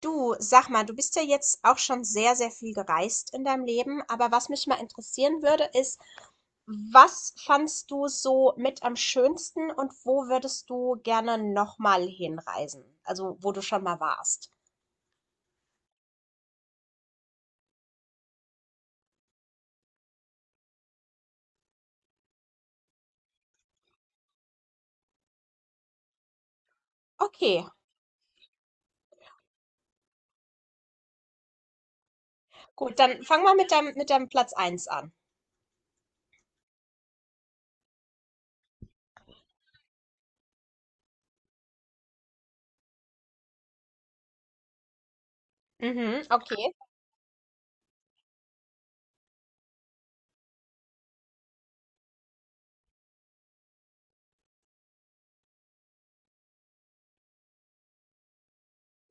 Du, sag mal, du bist ja jetzt auch schon sehr, sehr viel gereist in deinem Leben, aber was mich mal interessieren würde, ist, was fandst du so mit am schönsten und wo würdest du gerne nochmal hinreisen? Also, wo du schon mal warst. Okay, gut, dann fang mal mit deinem Platz eins an. Mhm, okay.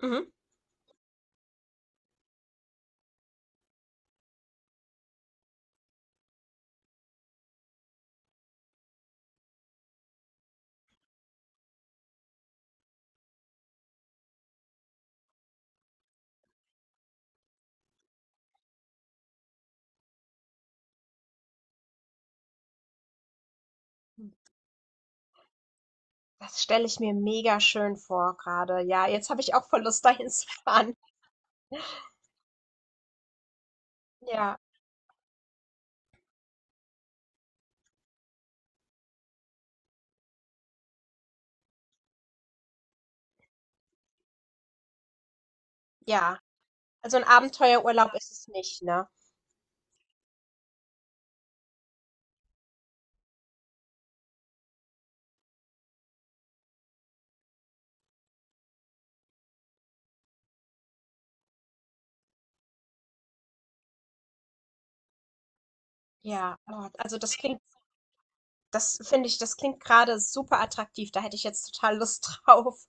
Mhm. Das stelle ich mir mega schön vor gerade. Ja, jetzt habe ich auch voll Lust, dahin zu fahren. Ja, ja. Also ein Abenteuerurlaub ist es nicht, ne? Ja, oh, also das finde ich, das klingt gerade super attraktiv. Da hätte ich jetzt total Lust drauf.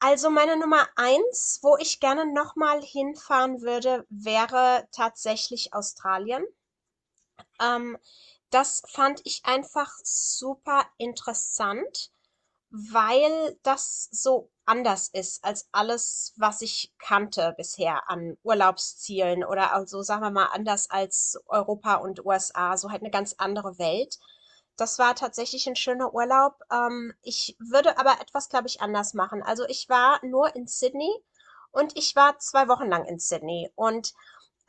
Also meine Nummer eins, wo ich gerne nochmal hinfahren würde, wäre tatsächlich Australien. Ähm, Das fand ich einfach super interessant, weil das so anders ist als alles, was ich kannte bisher an Urlaubszielen oder also, sagen wir mal, anders als Europa und USA, so halt eine ganz andere Welt. Das war tatsächlich ein schöner Urlaub. Ich würde aber etwas, glaube ich, anders machen. Also ich war nur in Sydney und ich war 2 Wochen lang in Sydney und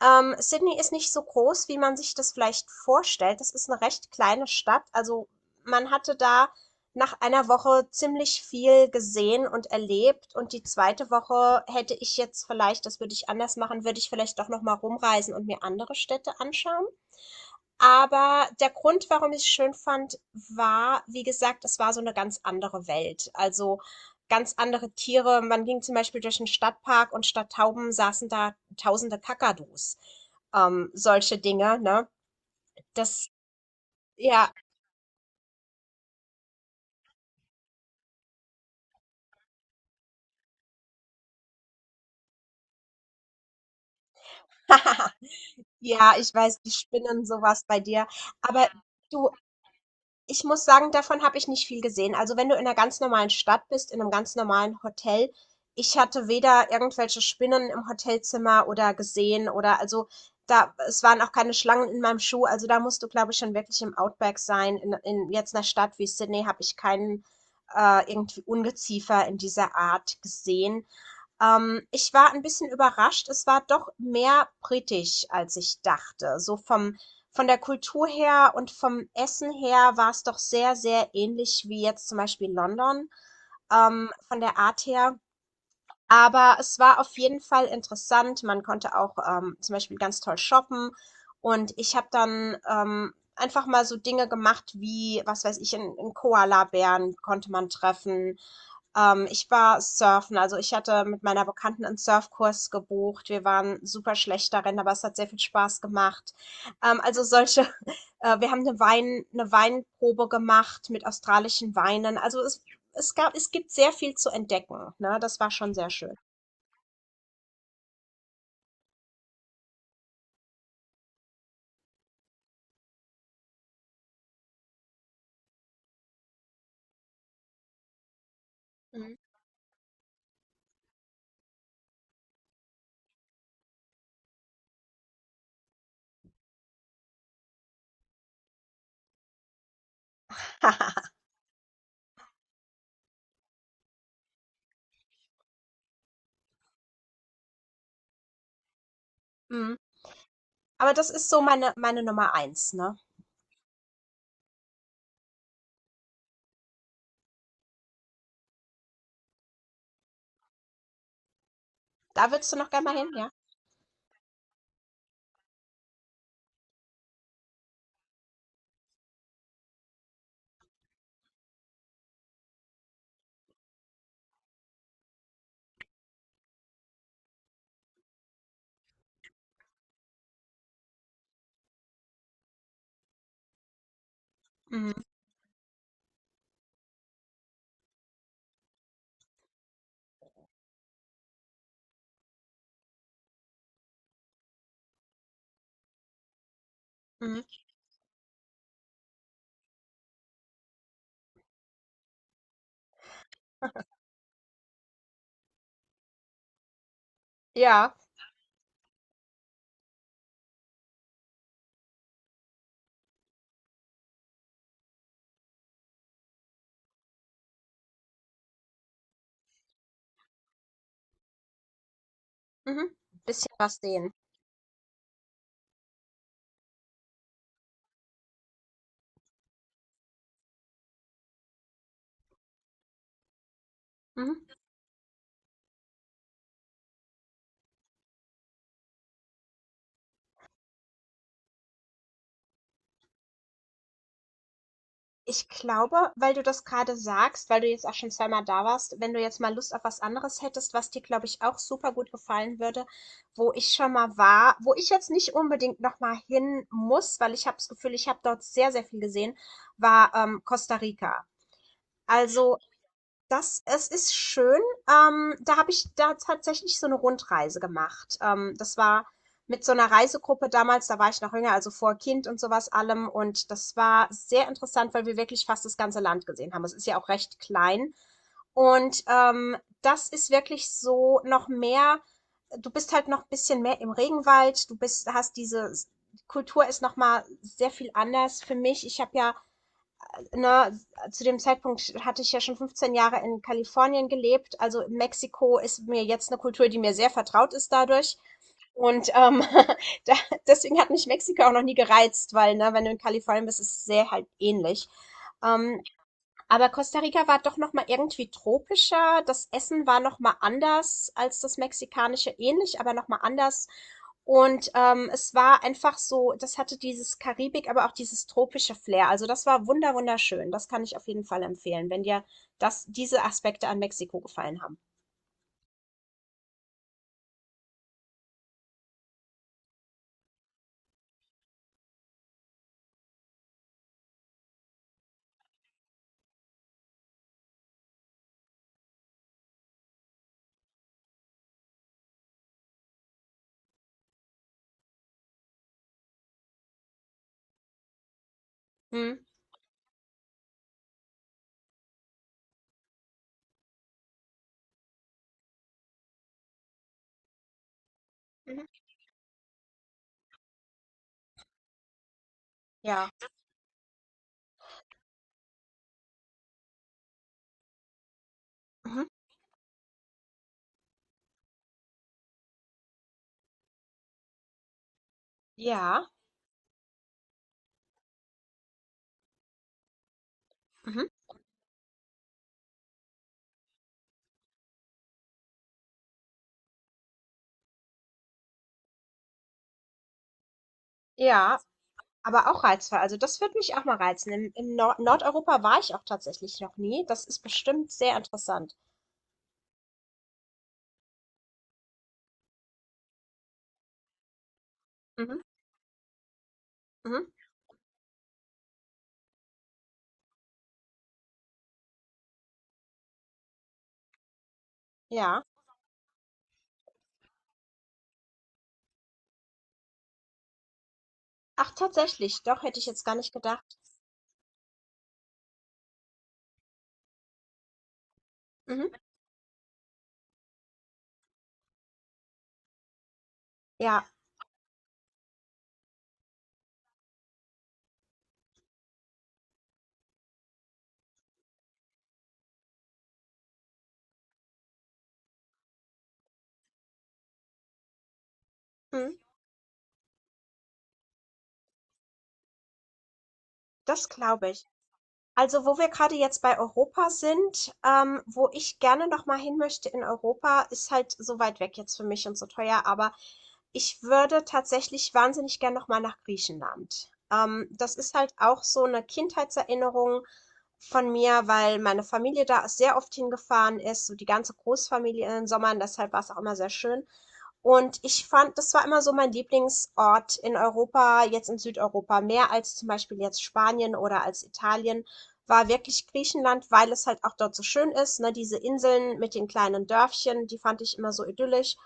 Sydney ist nicht so groß, wie man sich das vielleicht vorstellt. Das ist eine recht kleine Stadt. Also man hatte da nach einer Woche ziemlich viel gesehen und erlebt. Und die zweite Woche hätte ich jetzt vielleicht, das würde ich anders machen, würde ich vielleicht doch noch mal rumreisen und mir andere Städte anschauen. Aber der Grund, warum ich es schön fand, war, wie gesagt, es war so eine ganz andere Welt. Also, ganz andere Tiere. Man ging zum Beispiel durch einen Stadtpark und statt Tauben saßen da tausende Kakadus. Solche Dinge, ne? Das ja. Ja, ich weiß, die spinnen sowas bei dir. Aber du ich muss sagen, davon habe ich nicht viel gesehen. Also wenn du in einer ganz normalen Stadt bist, in einem ganz normalen Hotel. Ich hatte weder irgendwelche Spinnen im Hotelzimmer oder gesehen oder also, da es waren auch keine Schlangen in meinem Schuh. Also, da musst du, glaube ich, schon wirklich im Outback sein. In jetzt einer Stadt wie Sydney habe ich keinen, irgendwie Ungeziefer in dieser Art gesehen. Ich war ein bisschen überrascht. Es war doch mehr britisch, als ich dachte. So vom von der Kultur her und vom Essen her war es doch sehr, sehr ähnlich wie jetzt zum Beispiel London, von der Art her. Aber es war auf jeden Fall interessant. Man konnte auch, zum Beispiel ganz toll shoppen und ich habe dann, einfach mal so Dinge gemacht wie, was weiß ich, 'n Koalabären konnte man treffen. Ich war surfen, also ich hatte mit meiner Bekannten einen Surfkurs gebucht. Wir waren super schlecht darin, aber es hat sehr viel Spaß gemacht. Also solche wir haben eine Wein eine Weinprobe gemacht mit australischen Weinen. Also es gibt sehr viel zu entdecken, ne? Das war schon sehr schön. Mhm. Mhm. Aber das ist so meine Nummer eins, ne? Da würdest du noch gerne mal hin, ja? Mhm, mhm. Ja, mhm. Bisschen was sehen. Mhm. Ich glaube, weil du das gerade sagst, weil du jetzt auch schon zweimal da warst, wenn du jetzt mal Lust auf was anderes hättest, was dir, glaube ich, auch super gut gefallen würde, wo ich schon mal war, wo ich jetzt nicht unbedingt noch mal hin muss, weil ich habe das Gefühl, ich habe dort sehr, sehr viel gesehen, war Costa Rica. Also das es ist schön. Da habe ich da tatsächlich so eine Rundreise gemacht. Das war mit so einer Reisegruppe damals, da war ich noch jünger, also vor Kind und sowas allem. Und das war sehr interessant, weil wir wirklich fast das ganze Land gesehen haben. Es ist ja auch recht klein. Und, das ist wirklich so noch mehr. Du bist halt noch ein bisschen mehr im Regenwald. Du bist hast diese s Kultur ist noch mal sehr viel anders für mich. Ich habe ja na, Zu dem Zeitpunkt hatte ich ja schon 15 Jahre in Kalifornien gelebt. Also Mexiko ist mir jetzt eine Kultur, die mir sehr vertraut ist dadurch. Und da, deswegen hat mich Mexiko auch noch nie gereizt, weil, ne, wenn du in Kalifornien bist, ist es sehr halt ähnlich. Ähm, aber Costa Rica war doch noch mal irgendwie tropischer. Das Essen war noch mal anders als das mexikanische, ähnlich, aber noch mal anders. Und es war einfach so, das hatte dieses Karibik, aber auch dieses tropische Flair. Also das war wunderschön. Das kann ich auf jeden Fall empfehlen, wenn dir diese Aspekte an Mexiko gefallen haben. Mhm. Mhm. Ja. Mhm. Ja. Mhm. Ja. Aber auch reizvoll. Also das würde mich auch mal reizen. In Nordeuropa war ich auch tatsächlich noch nie. Das ist bestimmt sehr interessant. Mhm. Mhm. Ja. Ach, tatsächlich. Doch, hätte ich jetzt gar nicht gedacht. Mhm. Ja. Mhm. Das glaube ich. Also, wo wir gerade jetzt bei Europa sind, wo ich gerne noch mal hin möchte in Europa, ist halt so weit weg jetzt für mich und so teuer, aber ich würde tatsächlich wahnsinnig gern noch mal nach Griechenland. Das ist halt auch so eine Kindheitserinnerung von mir, weil meine Familie da sehr oft hingefahren ist, so die ganze Großfamilie in den Sommern, deshalb war es auch immer sehr schön. Und ich fand, das war immer so mein Lieblingsort in Europa, jetzt in Südeuropa, mehr als zum Beispiel jetzt Spanien oder als Italien, war wirklich Griechenland, weil es halt auch dort so schön ist, ne? Diese Inseln mit den kleinen Dörfchen, die fand ich immer so idyllisch.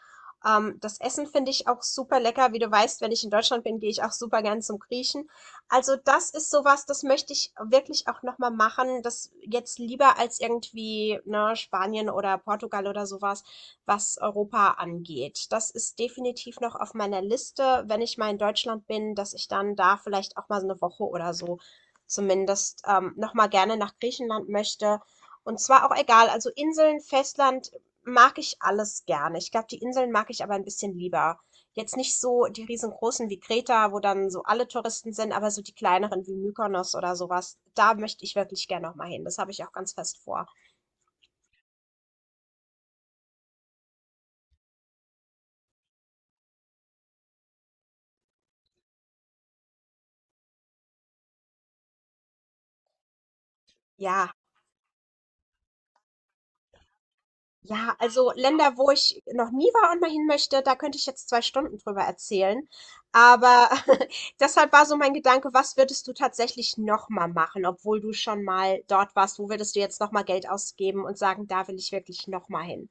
Das Essen finde ich auch super lecker. Wie du weißt, wenn ich in Deutschland bin, gehe ich auch super gern zum Griechen. Also das ist sowas, das möchte ich wirklich auch nochmal machen. Das jetzt lieber als irgendwie, ne, Spanien oder Portugal oder sowas, was Europa angeht. Das ist definitiv noch auf meiner Liste, wenn ich mal in Deutschland bin, dass ich dann da vielleicht auch mal so eine Woche oder so zumindest, noch mal gerne nach Griechenland möchte. Und zwar auch egal, also Inseln, Festland mag ich alles gerne. Ich glaube, die Inseln mag ich aber ein bisschen lieber. Jetzt nicht so die riesengroßen wie Kreta, wo dann so alle Touristen sind, aber so die kleineren wie Mykonos oder sowas. Da möchte ich wirklich gerne noch mal hin. Das habe ich auch ganz fest vor. Ja. Ja, also Länder, wo ich noch nie war und mal hin möchte, da könnte ich jetzt 2 Stunden drüber erzählen. Aber deshalb war so mein Gedanke, was würdest du tatsächlich noch mal machen, obwohl du schon mal dort warst? Wo würdest du jetzt noch mal Geld ausgeben und sagen, da will ich wirklich noch mal hin?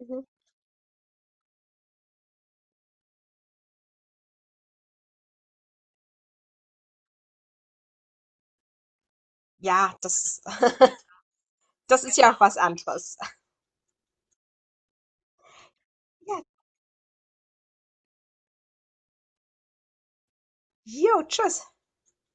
Mhm. Ja, das, das ist ja auch was anderes. Ja, jo, tschüss.